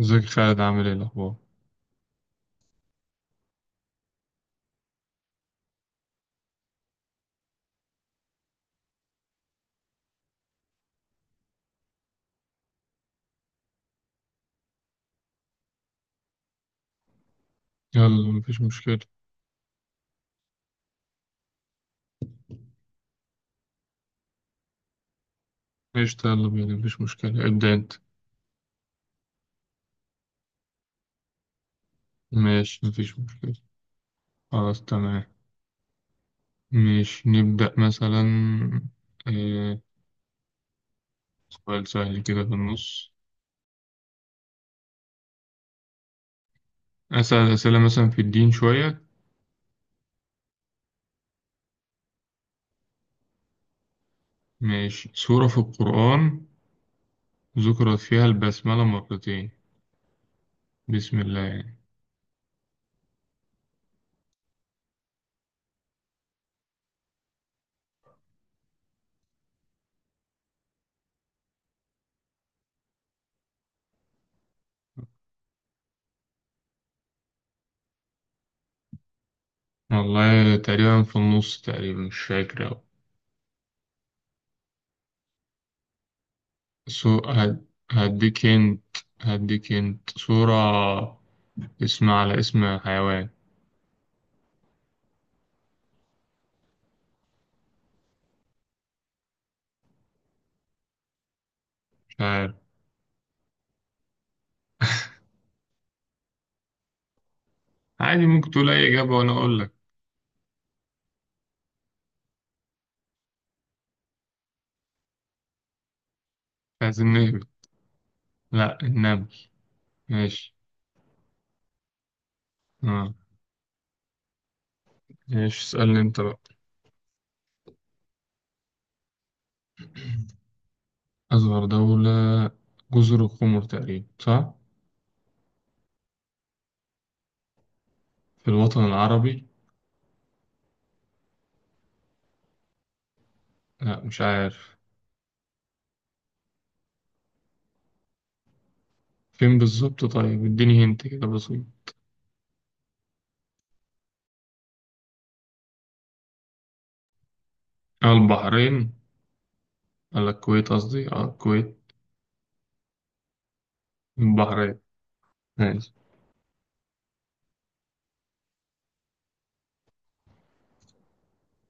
ازيك يا خالد، عامل ايه الاخبار؟ يلا مفيش مشكلة. قشطة، يلا بينا، مفيش مشكلة، ابدأ انت. ماشي، مفيش مشكلة. خلاص تمام. ماشي، نبدأ مثلا. إيه سؤال سهل كده في النص؟ أسأل أسئلة مثلا في الدين شوية. ماشي، سورة في القرآن ذكرت فيها البسملة مرتين، بسم الله يعني. والله تقريبا في النص، تقريبا مش فاكر أوي. هديك هنت. هديك هنت، سورة اسم على اسم حيوان. مش عارف. عادي ممكن تقول أي إجابة وأنا أقول لك. مش عايزين نهبط، لا النمل. ماشي. آه، ماشي اسألني أنت بقى. أصغر دولة؟ جزر القمر تقريبا، صح؟ في الوطن العربي، لا مش عارف فين بالظبط. طيب اديني هنت كده بسيط. آه، البحرين. ولا الكويت، قصدي الكويت. البحرين. ماشي.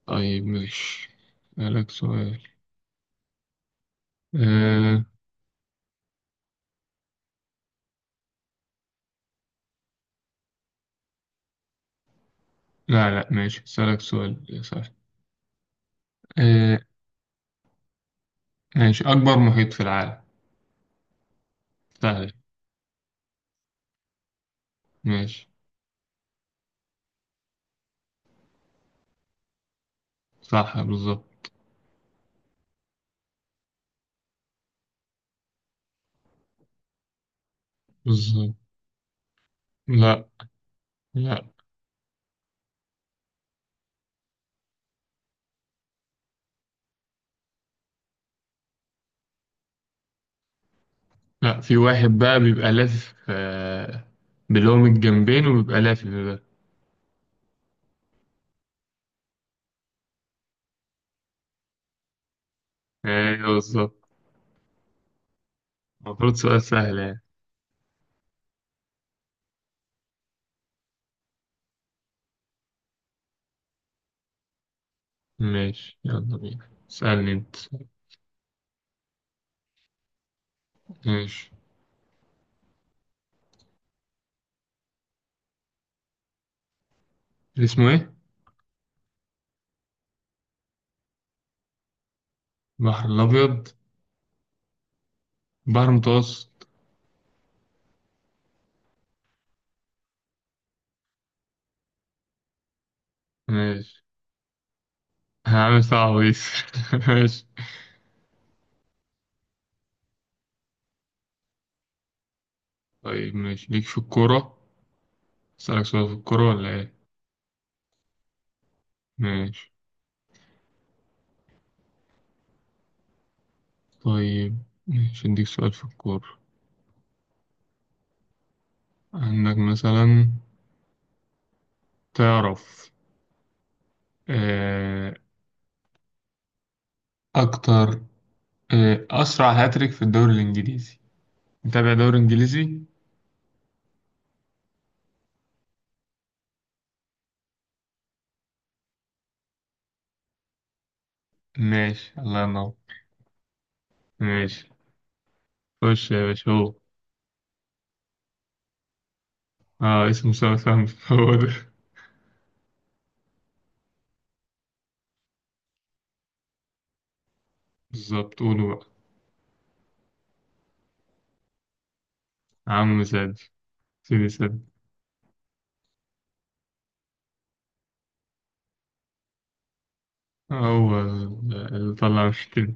طيب ماشي أسألك سؤال. آه، لا ماشي أسألك سؤال يا سهل. آه، ماشي، أكبر محيط في العالم. سهل. ماشي. صح بالظبط. بالظبط. لا لا لا، في واحد بقى بيبقى لافف بلهم الجنبين وبيبقى لافف بقى. أيوه بالظبط. المفروض سؤال سهل يعني. ماشي، يلا بينا، اسألني أنت. ماشي. اسمه إيه؟ البحر الأبيض، البحر المتوسط. ماشي. هعمل صعب دي. ماشي. طيب ماشي ليك في الكورة، أسألك سؤال في الكورة ولا إيه؟ ماشي. طيب ماشي أديك سؤال في الكورة. عندك مثلا، تعرف آه، أكتر أسرع هاتريك في الدوري الإنجليزي؟ متابع دوري إنجليزي؟ ماشي، الله ينور. ماشي، خش يا باشا هو. اه اسمه سام سام. هو ده. بالظبط، قوله بقى. عم سعد. سيدي سعد. هو اللي طلع، مش كده؟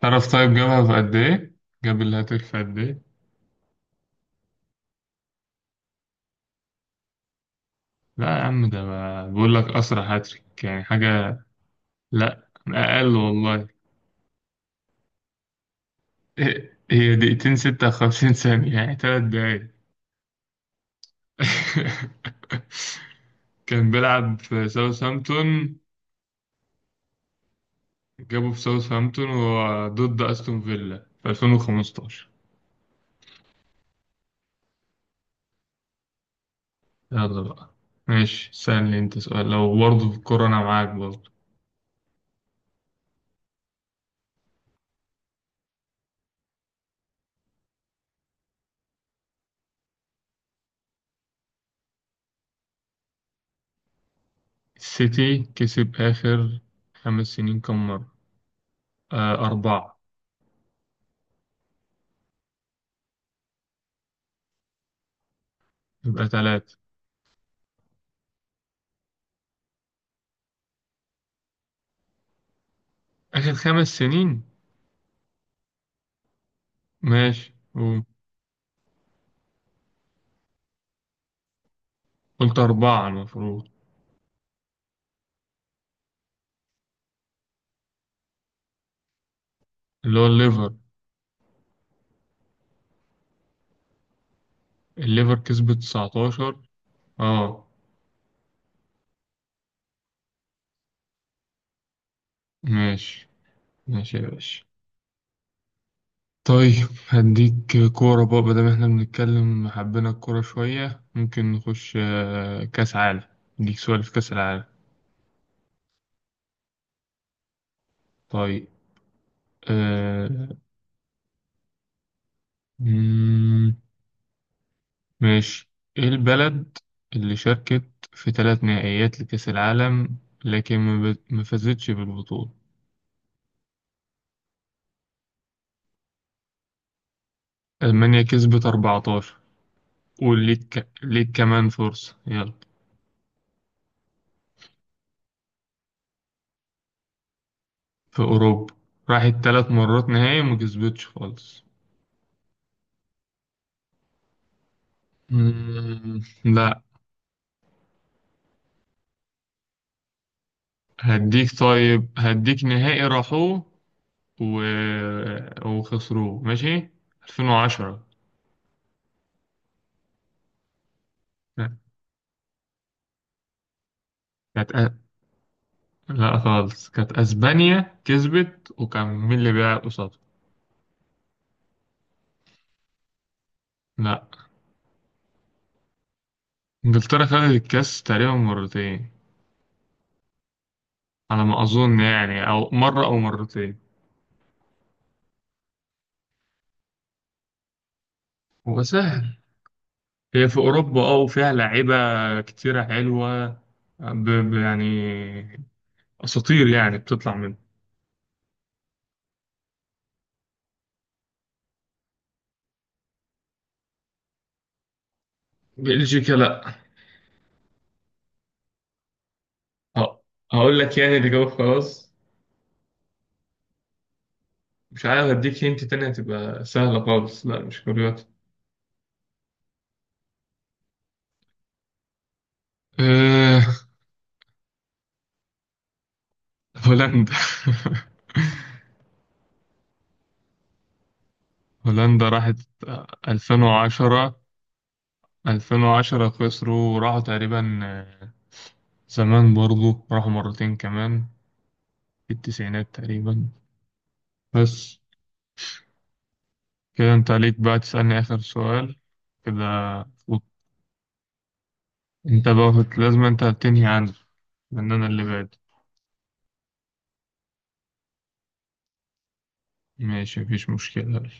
تعرف طيب جابها في قد إيه؟ جاب الهاتريك في قد إيه؟ لا يا عم، بقول لك أسرع هاتريك يعني حاجة. لا أقل والله. هي دقيقتين، ستة وخمسين ثانية، يعني تلات دقايق. كان بيلعب في ساوثهامبتون. جابه في ساوثهامبتون وهو ضد أستون فيلا في 2015. يلا بقى. ماشي، سألني أنت سؤال لو برضه في الكورة أنا معاك برضه. السيتي كسب آخر خمس سنين كم مرة؟ آه أربعة. يبقى تلاتة. آخر خمس سنين. ماشي قول. قلت أربعة المفروض. اللي هو الليفر. الليفر كسبت 19. اه. ماشي، ماشي يا باشا. طيب هديك كورة بقى، بدل ما احنا بنتكلم حبينا الكورة شوية ممكن نخش كأس عالم. اديك سؤال في كأس العالم. طيب. آه، مم، ماشي. ايه البلد اللي شاركت في ثلاث نهائيات لكأس العالم لكن ما فازتش بالبطولة؟ ألمانيا كسبت 14. قول ليك، ليك كمان فرصة، يلا. في أوروبا، راحت ثلاث مرات نهائي وما كسبتش خالص. لا. هديك، طيب هديك نهائي راحوه و... وخسروه. ماشي، 2010. لا، كانت أ... لا خالص، كانت أسبانيا كسبت، وكان مين اللي بيلعب قصادها؟ لا. إنجلترا خدت الكاس تقريبا مرتين، على ما أظن يعني، أو مرة أو مرتين. وسهل. هي في أوروبا اه، وفيها لعيبة كتيرة حلوة، يعني أساطير يعني بتطلع من. بلجيكا لأ. ه- هقول لك يعني اللي جاوب خلاص. مش عارف. هديك هنت تانية هتبقى سهلة خالص. لأ مش كرواتيا. أه... هولندا. هولندا راحت 2010. 2010 خسروا، وراحوا تقريبا زمان برضو راحوا مرتين كمان في التسعينات تقريبا. بس كده، انت عليك بقى تسألني آخر سؤال كده. و- انت بقى لازم انت تنهي عنه، لأن أنا اللي بادئ. ماشي، مفيش مشكلة.